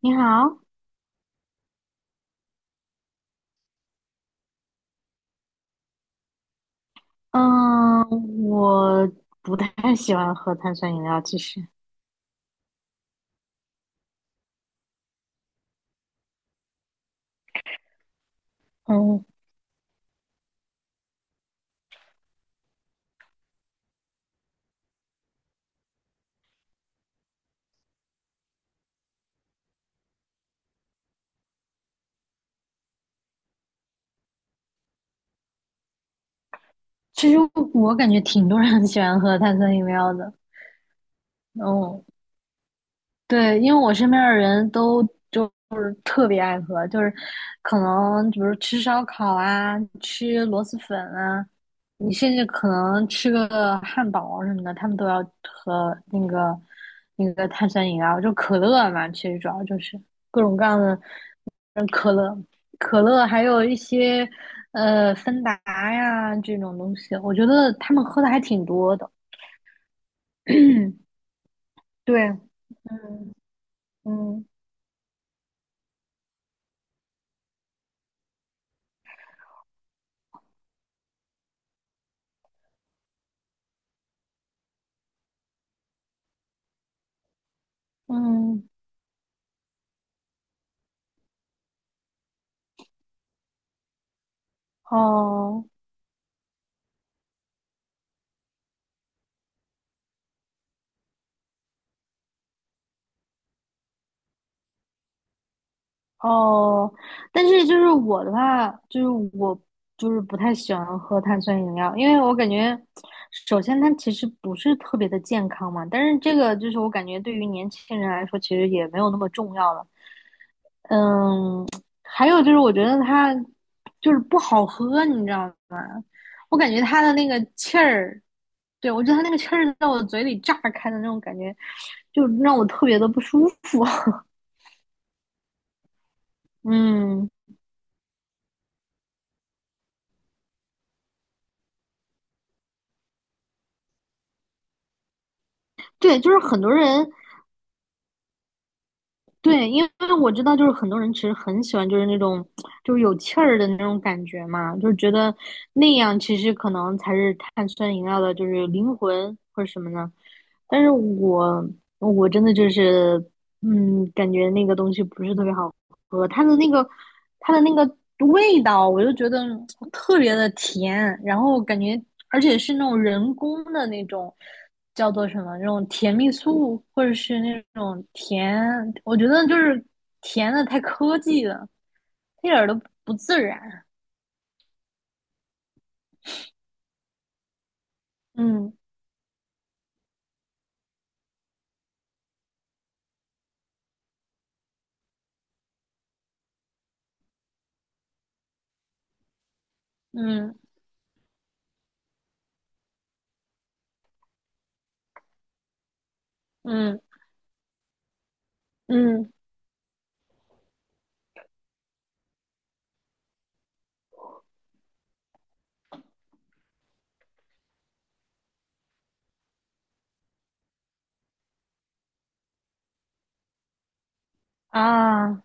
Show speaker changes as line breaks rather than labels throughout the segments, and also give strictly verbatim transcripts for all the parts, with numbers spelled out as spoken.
你好。嗯，我不太喜欢喝碳酸饮料，其实。嗯，其实我感觉挺多人 很喜欢喝碳酸饮料的。嗯。对，因为我身边的人都就是特别爱喝，就是可能比如吃烧烤啊，吃螺蛳粉啊，你甚至可能吃个汉堡什么的，他们都要喝那个那个碳酸饮料，就可乐嘛，其实主要就是各种各样的。嗯，可乐、可乐，还有一些呃芬达呀这种东西，我觉得他们喝的还挺多的。嗯对，嗯嗯嗯。哦哦，但是就是我的话，就是我就是不太喜欢喝碳酸饮料，因为我感觉，首先它其实不是特别的健康嘛，但是这个就是我感觉对于年轻人来说，其实也没有那么重要了。嗯，还有就是我觉得它就是不好喝，你知道吗？我感觉它的那个气儿。对，我觉得它那个气儿在我嘴里炸开的那种感觉，就让我特别的不舒服。嗯，对，就是很多人。对，因为我知道，就是很多人其实很喜欢，就是那种就是有气儿的那种感觉嘛，就是觉得那样其实可能才是碳酸饮料的，就是灵魂或者什么呢。但是我我真的就是，嗯，感觉那个东西不是特别好喝，它的那个它的那个味道，我就觉得特别的甜，然后感觉而且是那种人工的那种叫做什么那种甜蜜素，或者是那种甜，我觉得就是甜的太科技了，一点儿都不自然。嗯嗯嗯嗯啊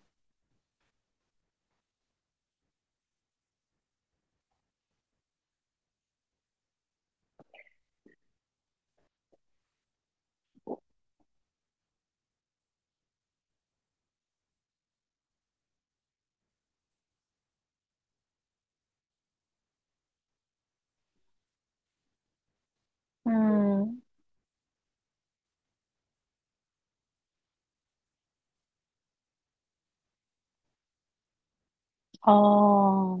嗯哦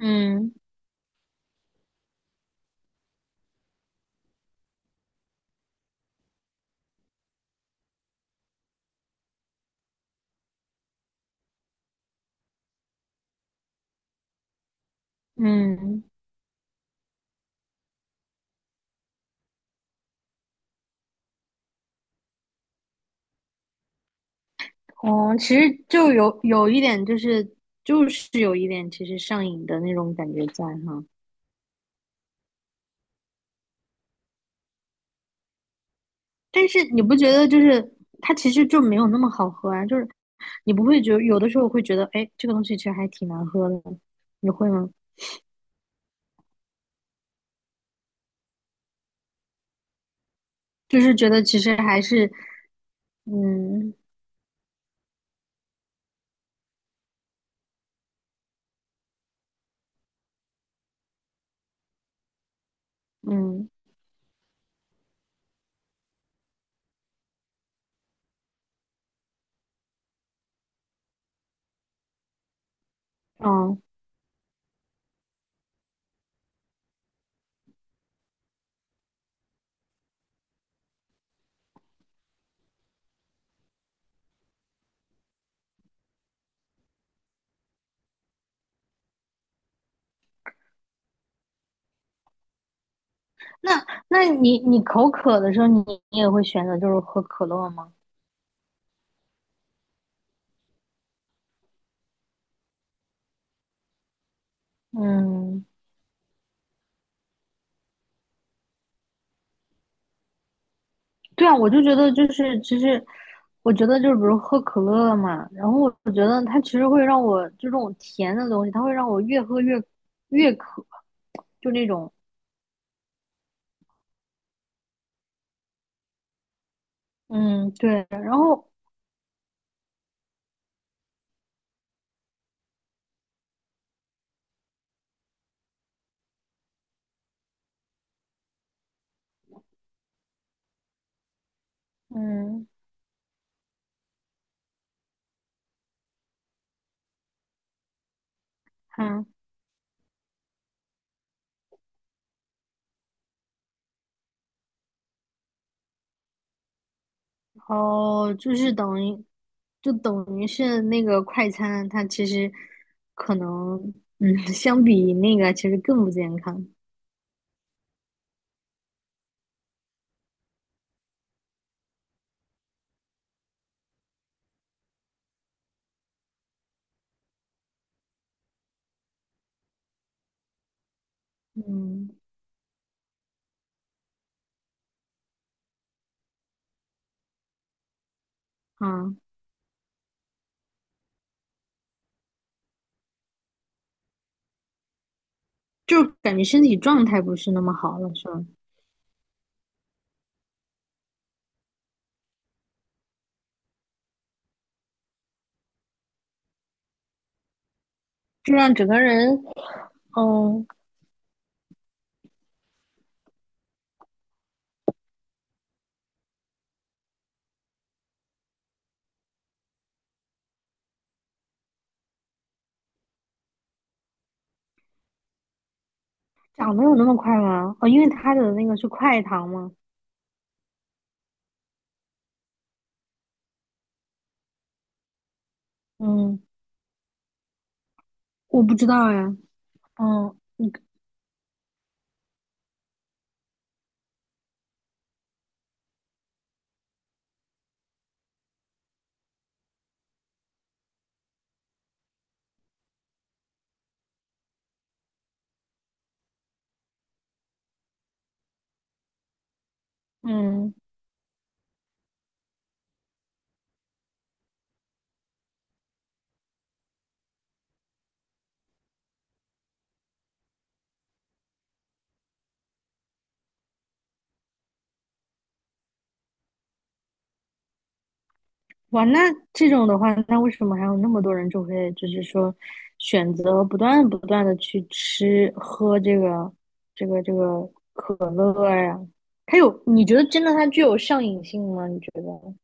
嗯嗯。哦，其实就有有一点就是就是有一点其实上瘾的那种感觉在哈。但是你不觉得就是它其实就没有那么好喝啊？就是你不会觉得有的时候会觉得，哎，这个东西其实还挺难喝的，你会吗？就是觉得其实还是，嗯嗯嗯。那那你你口渴的时候你，你也会选择就是喝可乐吗？嗯，对啊，我就觉得就是其实。我觉得就是比如喝可乐嘛，然后我觉得它其实会让我就这种甜的东西，它会让我越喝越越渴，就那种。嗯，对，然后嗯，看。哦，就是等于，就等于是那个快餐，它其实可能，嗯，相比那个其实更不健康。嗯啊，就感觉身体状态不是那么好了，是吧？就让整个人。嗯，长得有那么快吗？哦，因为它的那个是快糖嘛。嗯，我不知道呀。嗯嗯。哇，那这种的话，那为什么还有那么多人就会就是说选择不断不断的去吃喝这个这个这个可乐呀？它有，你觉得真的它具有上瘾性吗？你觉得？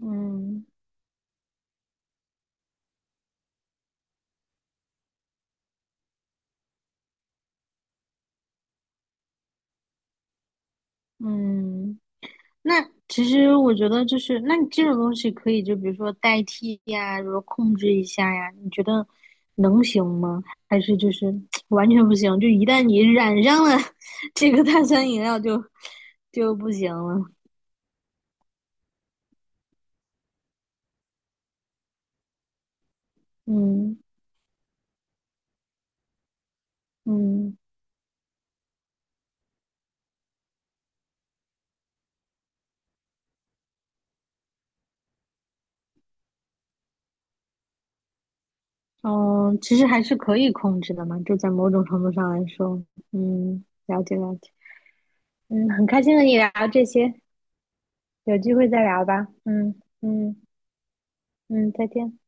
嗯嗯。那其实我觉得就是，那你这种东西可以就比如说代替呀，比如说控制一下呀，你觉得能行吗？还是就是 完全不行？就一旦你染上了 这个碳酸饮料就就不行了。嗯嗯。哦，其实还是可以控制的嘛，就在某种程度上来说。嗯，了解了解。嗯，很开心和你聊这些，有机会再聊吧。嗯嗯嗯，再见。